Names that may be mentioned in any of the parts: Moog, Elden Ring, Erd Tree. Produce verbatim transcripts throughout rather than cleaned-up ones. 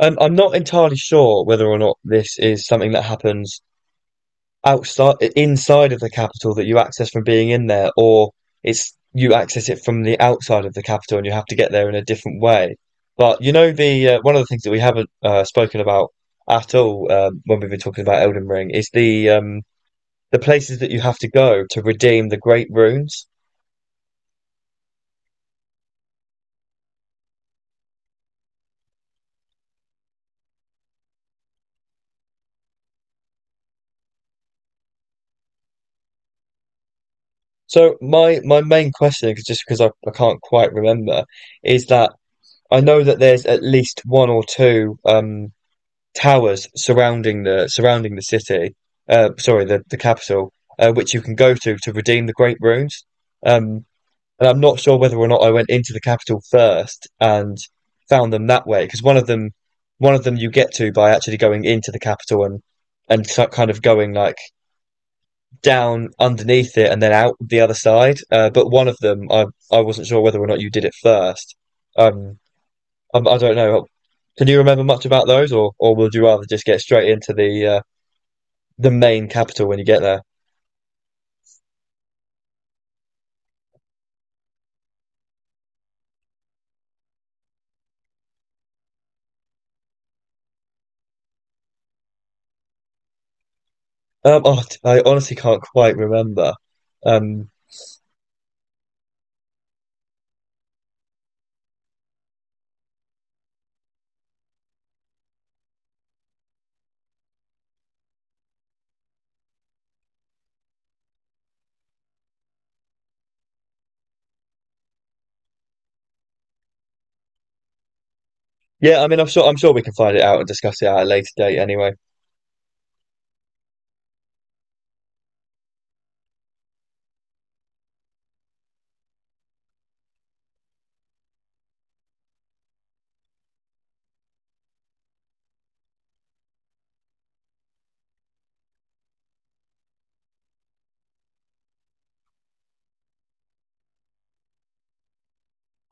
Um, I'm not entirely sure whether or not this is something that happens outside, inside of the capital that you access from being in there, or it's you access it from the outside of the capital and you have to get there in a different way. But you know, the uh, one of the things that we haven't uh, spoken about at all um, when we've been talking about Elden Ring is the um, the places that you have to go to redeem the great runes. So my my main question question, 'cause- just because I, I can't quite remember, is that I know that there's at least one or two. Um, towers surrounding the surrounding the city, uh, sorry, the the capital, uh, which you can go to to redeem the Great Runes. Um, and I'm not sure whether or not I went into the capital first and found them that way, because one of them, one of them you get to by actually going into the capital and and so- kind of going like down underneath it and then out the other side. Uh, but one of them, I I wasn't sure whether or not you did it first. Um, I, I don't know. Can you remember much about those, or or would you rather just get straight into the uh, the main capital when you get there? Um, oh, I honestly can't quite remember. Um, yeah, I mean, I'm sure I'm sure we can find it out and discuss it at a later date. Anyway,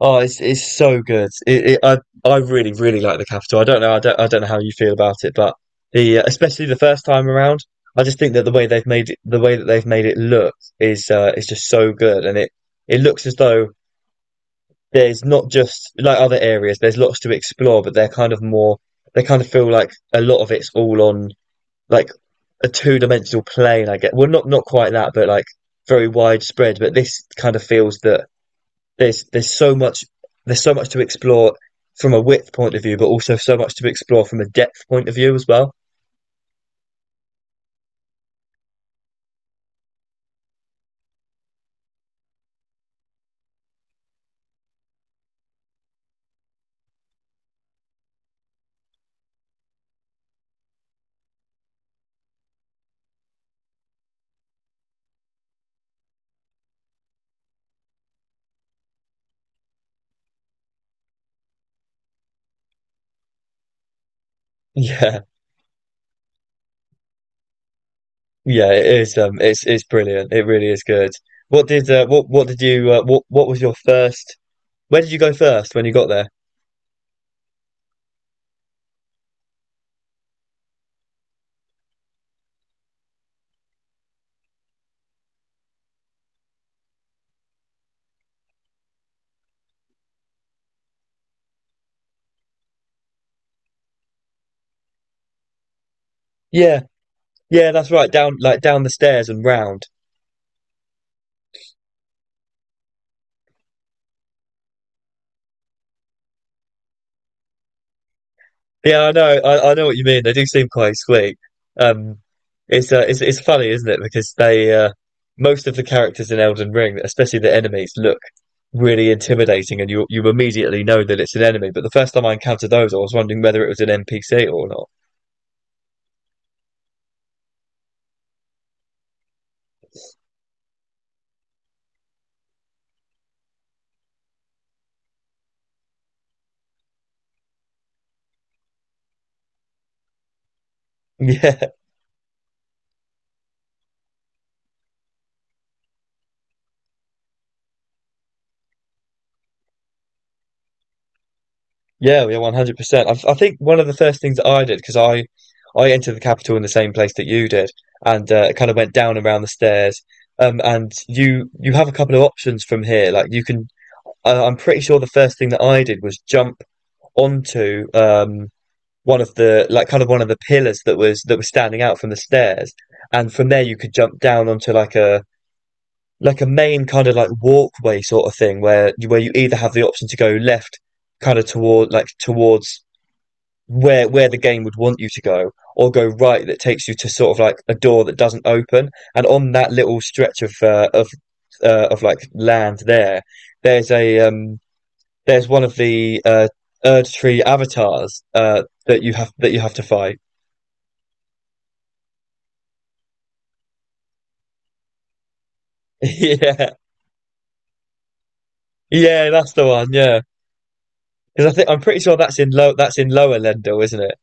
oh, it's it's so good. It, it, I I really really like the capital. I don't know, I don't I don't know how you feel about it, but the uh, especially the first time around, I just think that the way they've made it, the way that they've made it look is uh, is just so good, and it it looks as though there's not just like other areas. There's lots to explore, but they're kind of more. They kind of feel like a lot of it's all on like a two-dimensional plane, I guess. Well, not not quite that, but like very widespread. But this kind of feels that there's there's so much there's so much to explore from a width point of view, but also so much to explore from a depth point of view as well. Yeah, yeah, it is. Um, it's it's brilliant. It really is good. What did uh, what what did you uh, what what was your first? Where did you go first when you got there? Yeah, yeah, that's right. Down like down the stairs and round. Yeah, I know. I, I know what you mean. They do seem quite sweet. Um, it's uh, it's it's funny, isn't it? Because they uh, most of the characters in Elden Ring, especially the enemies, look really intimidating, and you you immediately know that it's an enemy. But the first time I encountered those, I was wondering whether it was an N P C or not. Yeah, yeah, yeah, one hundred percent. I I think one of the first things that I did because I I entered the capital in the same place that you did, and uh, kind of went down around the stairs. Um, and you you have a couple of options from here. Like you can I, I'm pretty sure the first thing that I did was jump onto um, one of the like kind of one of the pillars that was that was standing out from the stairs, and from there you could jump down onto like a like a main kind of like walkway sort of thing where where you either have the option to go left, kind of toward like towards where where the game would want you to go, or go right that takes you to sort of like a door that doesn't open, and on that little stretch of uh, of uh, of like land there, there's a um there's one of the uh, Erd Tree avatars uh, that you have that you have to fight. Yeah, yeah, that's the one. Yeah, because I think I'm pretty sure that's in low that's in Lower Lendil, isn't it?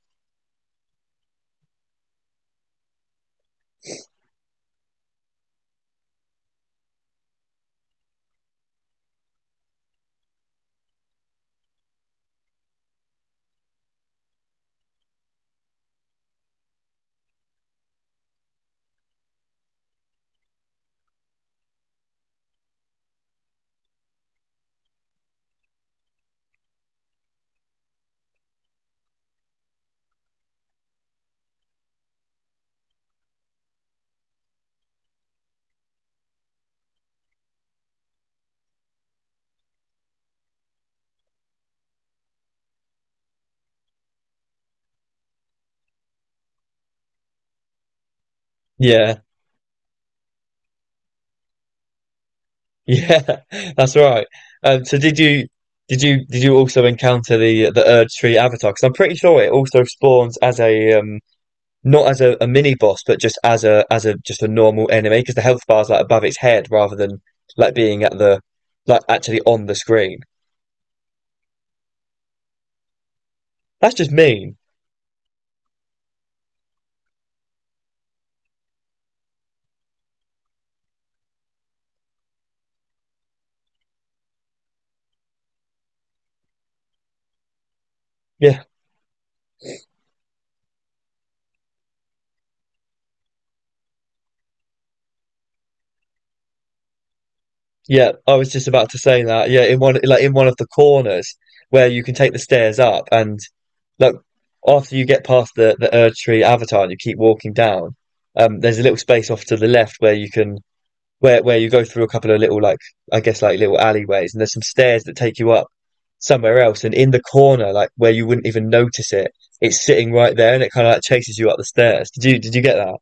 Yeah, yeah, that's right. Um, so did you did you did you also encounter the the Erd Tree avatar? Because I'm pretty sure it also spawns as a um, not as a, a mini boss, but just as a as a just a normal enemy because the health bar's like above its head rather than like being at the like actually on the screen. That's just mean. Yeah. Yeah, I was just about to say that. Yeah, in one like in one of the corners where you can take the stairs up and like after you get past the the Erd Tree Avatar and you keep walking down, um there's a little space off to the left where you can where where you go through a couple of little like I guess like little alleyways and there's some stairs that take you up somewhere else and in the corner like where you wouldn't even notice it, it's sitting right there and it kind of like chases you up the stairs. Did you did you get that?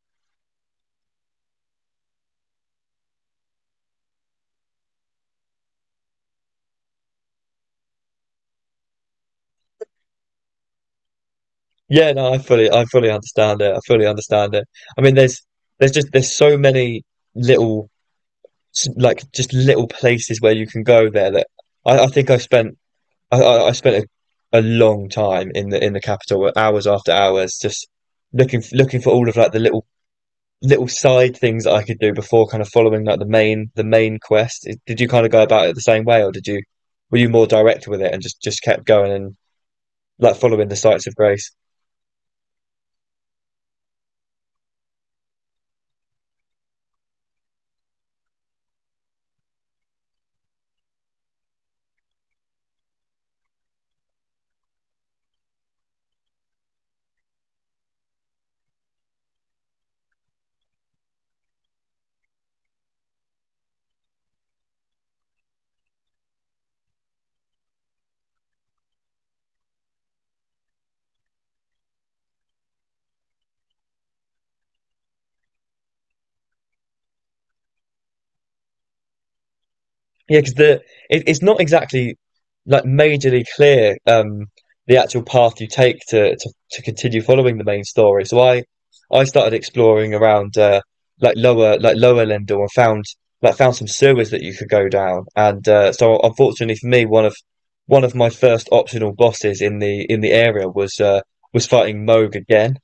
Yeah, no, I fully, I fully understand it. I fully understand it. I mean, there's, there's just, there's so many little, s- like, just little places where you can go there that I, I think I spent, I, I I spent a, a long time in the, in the capital, hours after hours, just looking, f- looking for all of like the little, little side things that I could do before kind of following like the main, the main quest. It- Did you kind of go about it the same way, or did you, were you more direct with it and just, just kept going and like following the sights of Grace? Yeah, because the it, it's not exactly like majorly clear um the actual path you take to to, to continue following the main story. So I I started exploring around uh like lower like lower Lindor and found like found some sewers that you could go down. And uh, so unfortunately for me, one of one of my first optional bosses in the in the area was uh was fighting Moog again.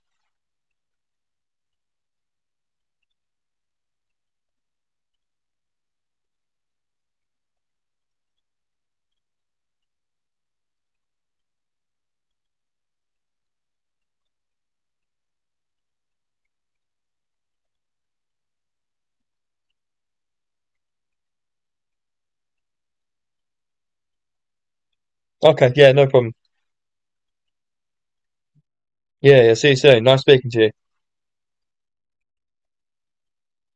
Okay, yeah, no problem. Yeah, yeah, see you soon. Nice speaking to you.